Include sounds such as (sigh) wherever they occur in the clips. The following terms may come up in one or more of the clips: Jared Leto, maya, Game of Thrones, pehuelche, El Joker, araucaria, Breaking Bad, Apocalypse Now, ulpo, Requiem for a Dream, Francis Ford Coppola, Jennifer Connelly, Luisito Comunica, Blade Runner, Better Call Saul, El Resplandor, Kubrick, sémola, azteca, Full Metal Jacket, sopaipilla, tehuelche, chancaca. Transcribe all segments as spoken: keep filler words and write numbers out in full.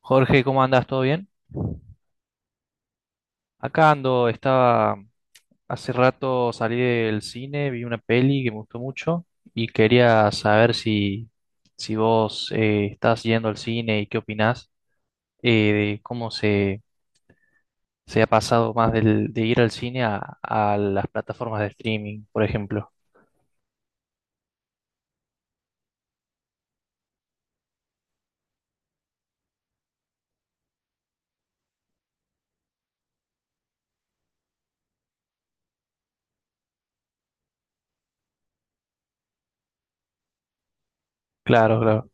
Jorge, ¿cómo andas? ¿Todo bien? Acá ando, estaba hace rato salí del cine, vi una peli que me gustó mucho y quería saber si, si vos eh, estás yendo al cine y qué opinás eh, de cómo se, se ha pasado más del, de ir al cine a, a las plataformas de streaming, por ejemplo. Claro, claro.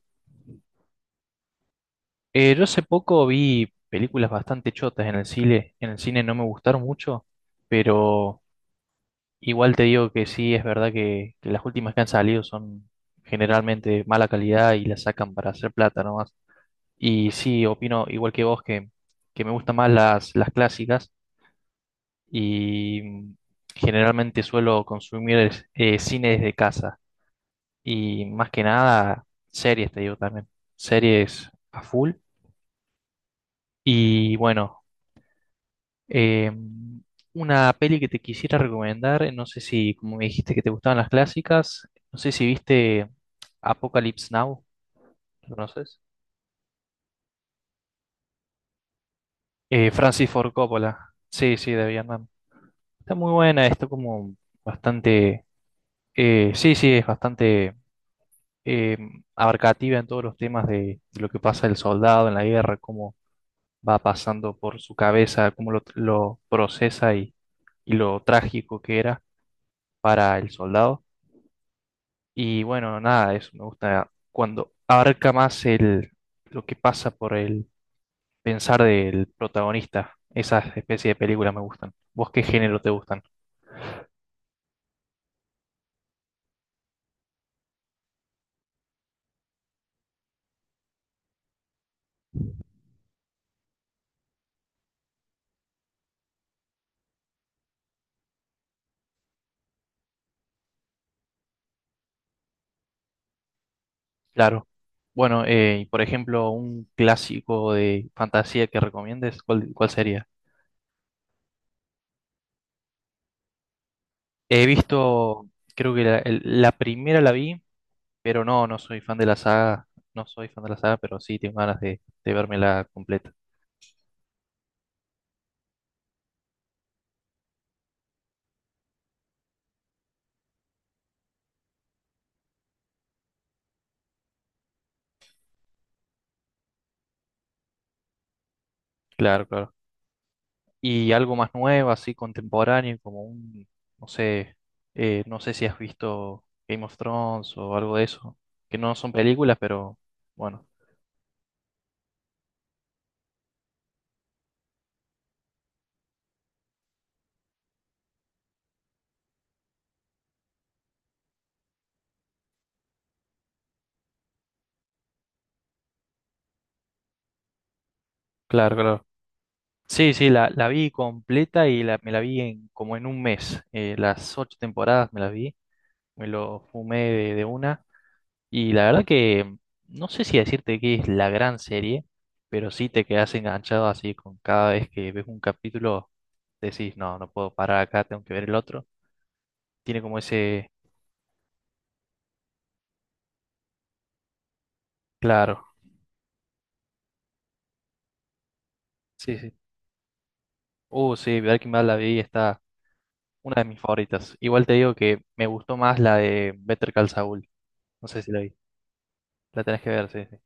Eh, yo hace poco vi películas bastante chotas en el cine, en el cine no me gustaron mucho, pero igual te digo que sí, es verdad que, que las últimas que han salido son generalmente de mala calidad y las sacan para hacer plata nomás. Y sí, opino igual que vos que, que me gustan más las, las clásicas y mm, generalmente suelo consumir es- eh, cine desde casa y más que nada series, te digo también, series a full. Y bueno. Eh, una peli que te quisiera recomendar, eh, no sé si, como me dijiste que te gustaban las clásicas, no sé si viste Apocalypse Now, ¿lo conoces? Eh, Francis Ford Coppola, sí, sí, de Vietnam. Está muy buena, está como bastante, eh, sí, sí, es bastante eh, abarcativa en todos los temas de, de lo que pasa el soldado en la guerra, cómo va pasando por su cabeza, cómo lo, lo procesa y, y lo trágico que era para el soldado. Y bueno, nada, eso me gusta cuando abarca más el, lo que pasa por el pensar del protagonista. Esas especies de películas me gustan. ¿Vos qué género te gustan? Claro. Bueno, eh, y por ejemplo, un clásico de fantasía que recomiendes, ¿cuál, cuál sería? He visto, creo que la, el- la primera la vi, pero no, no soy fan de la saga. No soy fan de la saga, pero sí tengo ganas de, de vérmela completa. Claro, claro. Y algo más nuevo, así contemporáneo, como un, no sé, eh, no sé si has visto Game of Thrones o algo de eso, que no son películas, pero bueno, claro, claro. Sí, sí, la, la vi completa y la, me la vi en, como en un mes, eh, las ocho temporadas me las vi, me lo fumé de, de una y la verdad que mm, no sé si decirte que es la gran serie, pero sí te quedas enganchado así con cada vez que ves un capítulo, decís, no, no puedo parar acá, tengo que ver el otro. Tiene como ese... Claro, sí, sí. Uh, sí, Breaking Bad la vi, está una de mis favoritas. Igual te digo que me gustó más la de Better Call Saul. No sé si la vi. La tenés que ver, sí, sí.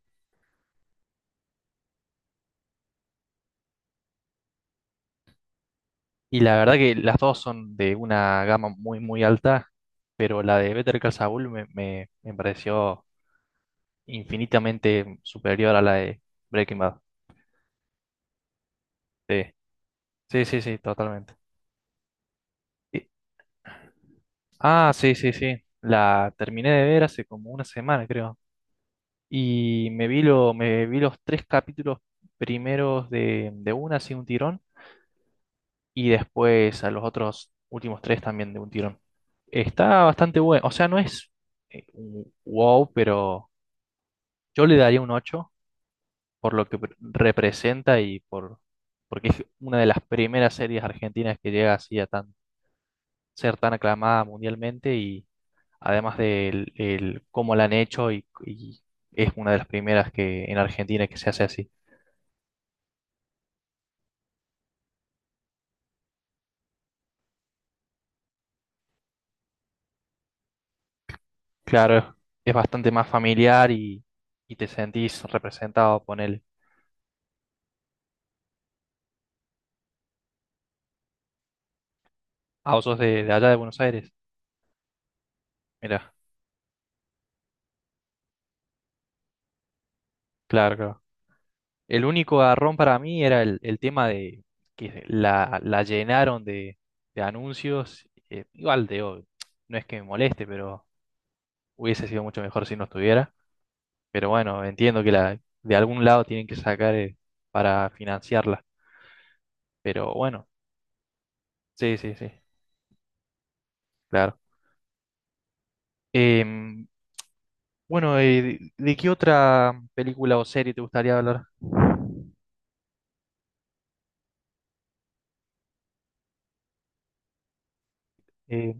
Y la verdad que las dos son de una gama muy, muy alta, pero la de Better Call Saul me, me, me pareció infinitamente superior a la de Breaking Bad. Sí, sí, sí, sí, totalmente. Y- Ah, sí, sí, sí. La terminé de ver hace como una semana, creo. Y me vi, lo, me vi los tres capítulos primeros de, de una, así un tirón, y después a los otros últimos tres también de un tirón. Está bastante bueno, o sea, no es eh, un wow, pero yo le daría un ocho por lo que pre- representa y por porque es una de las primeras series argentinas que llega así a tan, ser tan aclamada mundialmente y además de el el cómo la han hecho y, y es una de las primeras que en Argentina que se hace así. Claro, es bastante más familiar y, y te sentís representado, ponele. Ah, vos sos de, de allá de Buenos Aires. Mira, claro, claro. El único garrón para mí era el, el tema de que la, la llenaron de, de anuncios. eh, igual de hoy. No es que me moleste, pero hubiese sido mucho mejor si no estuviera. Pero bueno, entiendo que la, de algún lado tienen que sacar eh, para financiarla. Pero bueno, sí, sí, sí, claro. Em, Bueno, eh, ¿de, de qué otra película o serie te gustaría hablar? Eh,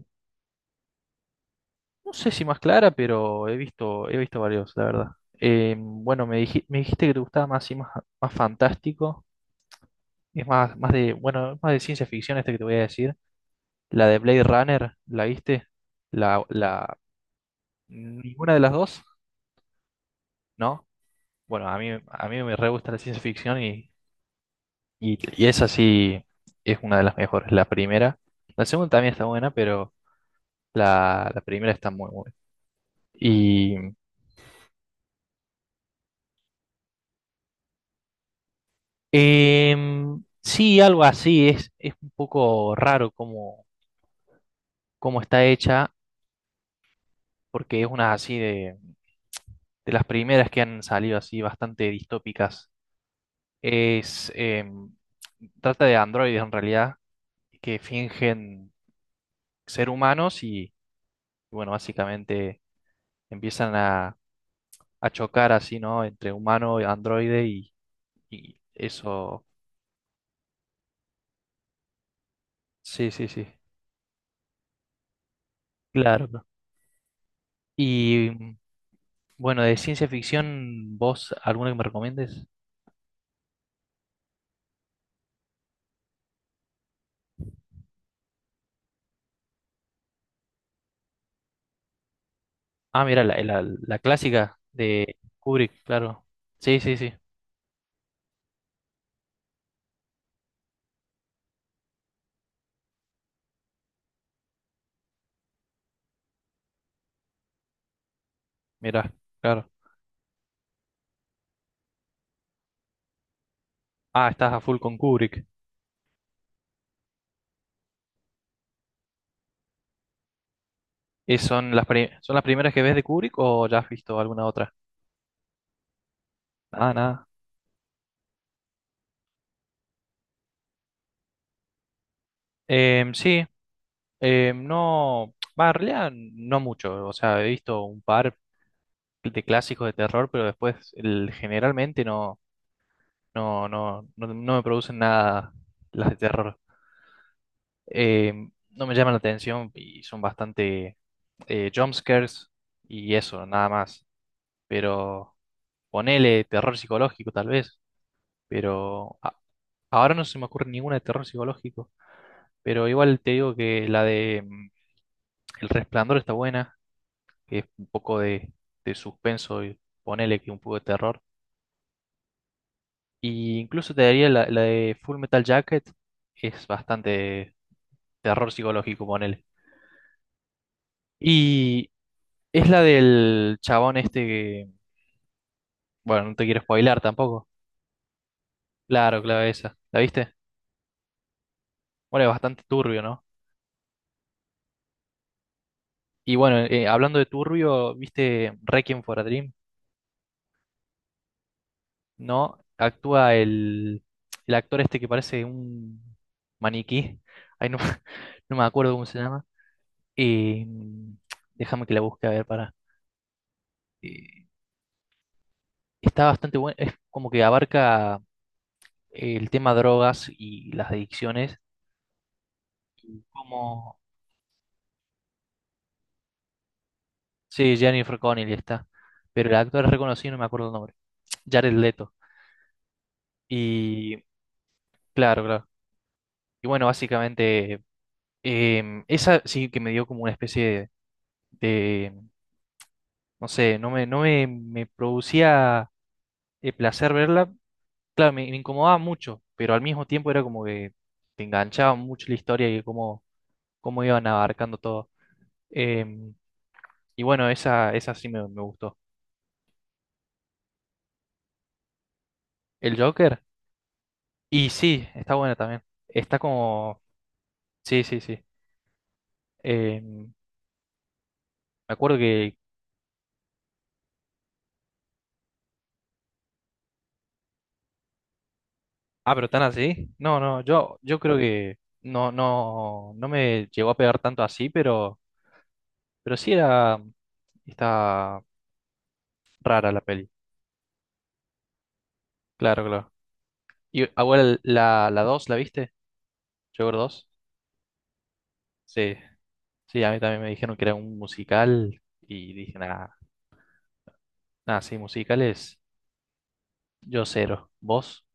no sé si más clara, pero he visto, he visto varios, la verdad. Eh, bueno, me dijiste, me dijiste que te gustaba más y más, más fantástico. Es más, más de, bueno, es más de ciencia ficción este que te voy a decir. La de Blade Runner, ¿la viste? La, la, ninguna de las dos, ¿no? Bueno, a mí, a mí me re gusta la ciencia ficción y, y, y esa sí es una de las mejores. La primera. La segunda también está buena, pero. La, la primera está muy buena. Y em, sí, algo así. Es, es un poco raro cómo, cómo está hecha, porque es una así de, de las primeras que han salido así bastante distópicas. Es, em, trata de androides en realidad, que fingen ser humanos y, bueno, básicamente empiezan a, a chocar así, ¿no? Entre humano y androide y, y eso. Sí, sí, sí. Claro. Y bueno, de ciencia ficción, ¿vos alguna que me recomiendes? Ah, mira, la, la- la clásica de Kubrick, claro. Sí, sí, sí, mira, claro. Ah, estás a full con Kubrick. Eh, ¿Son las, pri- son las primeras que ves de Kubrick o ya has visto alguna otra? Ah, nada. Em, sí, em, no, va, en realidad no mucho. O sea, he visto un par de clásicos de terror, pero después el- generalmente no, no, no, no, no me producen nada las de terror. eh, no me llaman la atención y son bastante eh, jumpscares y eso, nada más. Pero ponele terror psicológico tal vez, pero a- ahora no se me ocurre ninguna de terror psicológico. Pero igual te digo que la de mm, El Resplandor está buena, que es un poco de, de suspenso y ponele que un poco de terror. Y incluso te daría la, la de Full Metal Jacket, es bastante terror psicológico, ponele. Y es la del chabón este que, bueno, no te quiero spoilar tampoco. Claro, claro, esa. ¿La viste? Bueno, es bastante turbio, ¿no? Y bueno, eh, hablando de turbio, ¿viste Requiem for a Dream? ¿No? Actúa el, el actor este que parece un maniquí. Ay, no, (laughs) no me acuerdo cómo se llama. Eh, déjame que la busque a ver para. eh, está bastante bueno. Es como que abarca el tema drogas y las adicciones. Y cómo Sí, Jennifer Connelly está. Pero el actor es reconocido, no me acuerdo el nombre. Jared Leto. Y claro, claro. Y bueno, básicamente, em, esa sí que me dio como una especie de, de, no sé, no me, no me, me producía eh, placer verla. Claro, me, me incomodaba mucho, pero al mismo tiempo era como que te enganchaba mucho la historia y cómo, cómo iban abarcando todo. Em, y bueno, esa, esa sí me, me gustó. El Joker, y sí, está buena también. Está como, sí, sí, sí. Eh, me acuerdo que. Ah, pero tan así. No, no, yo, yo creo que no, no, no me llegó a pegar tanto así, pero, pero sí era. Está rara la peli. Claro, claro. ¿Y abuela, la, la dos la viste? ¿Joker dos Sí, sí, a mí también me dijeron que era un musical y dije, nada, nada, sí, musicales, yo cero. ¿Vos?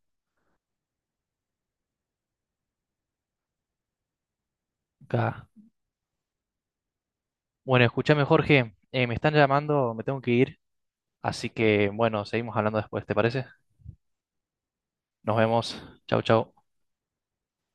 Acá. Bueno, escúchame, Jorge, eh, me están llamando, me tengo que ir, así que bueno, seguimos hablando después, ¿te parece? Nos vemos. Chau, chau.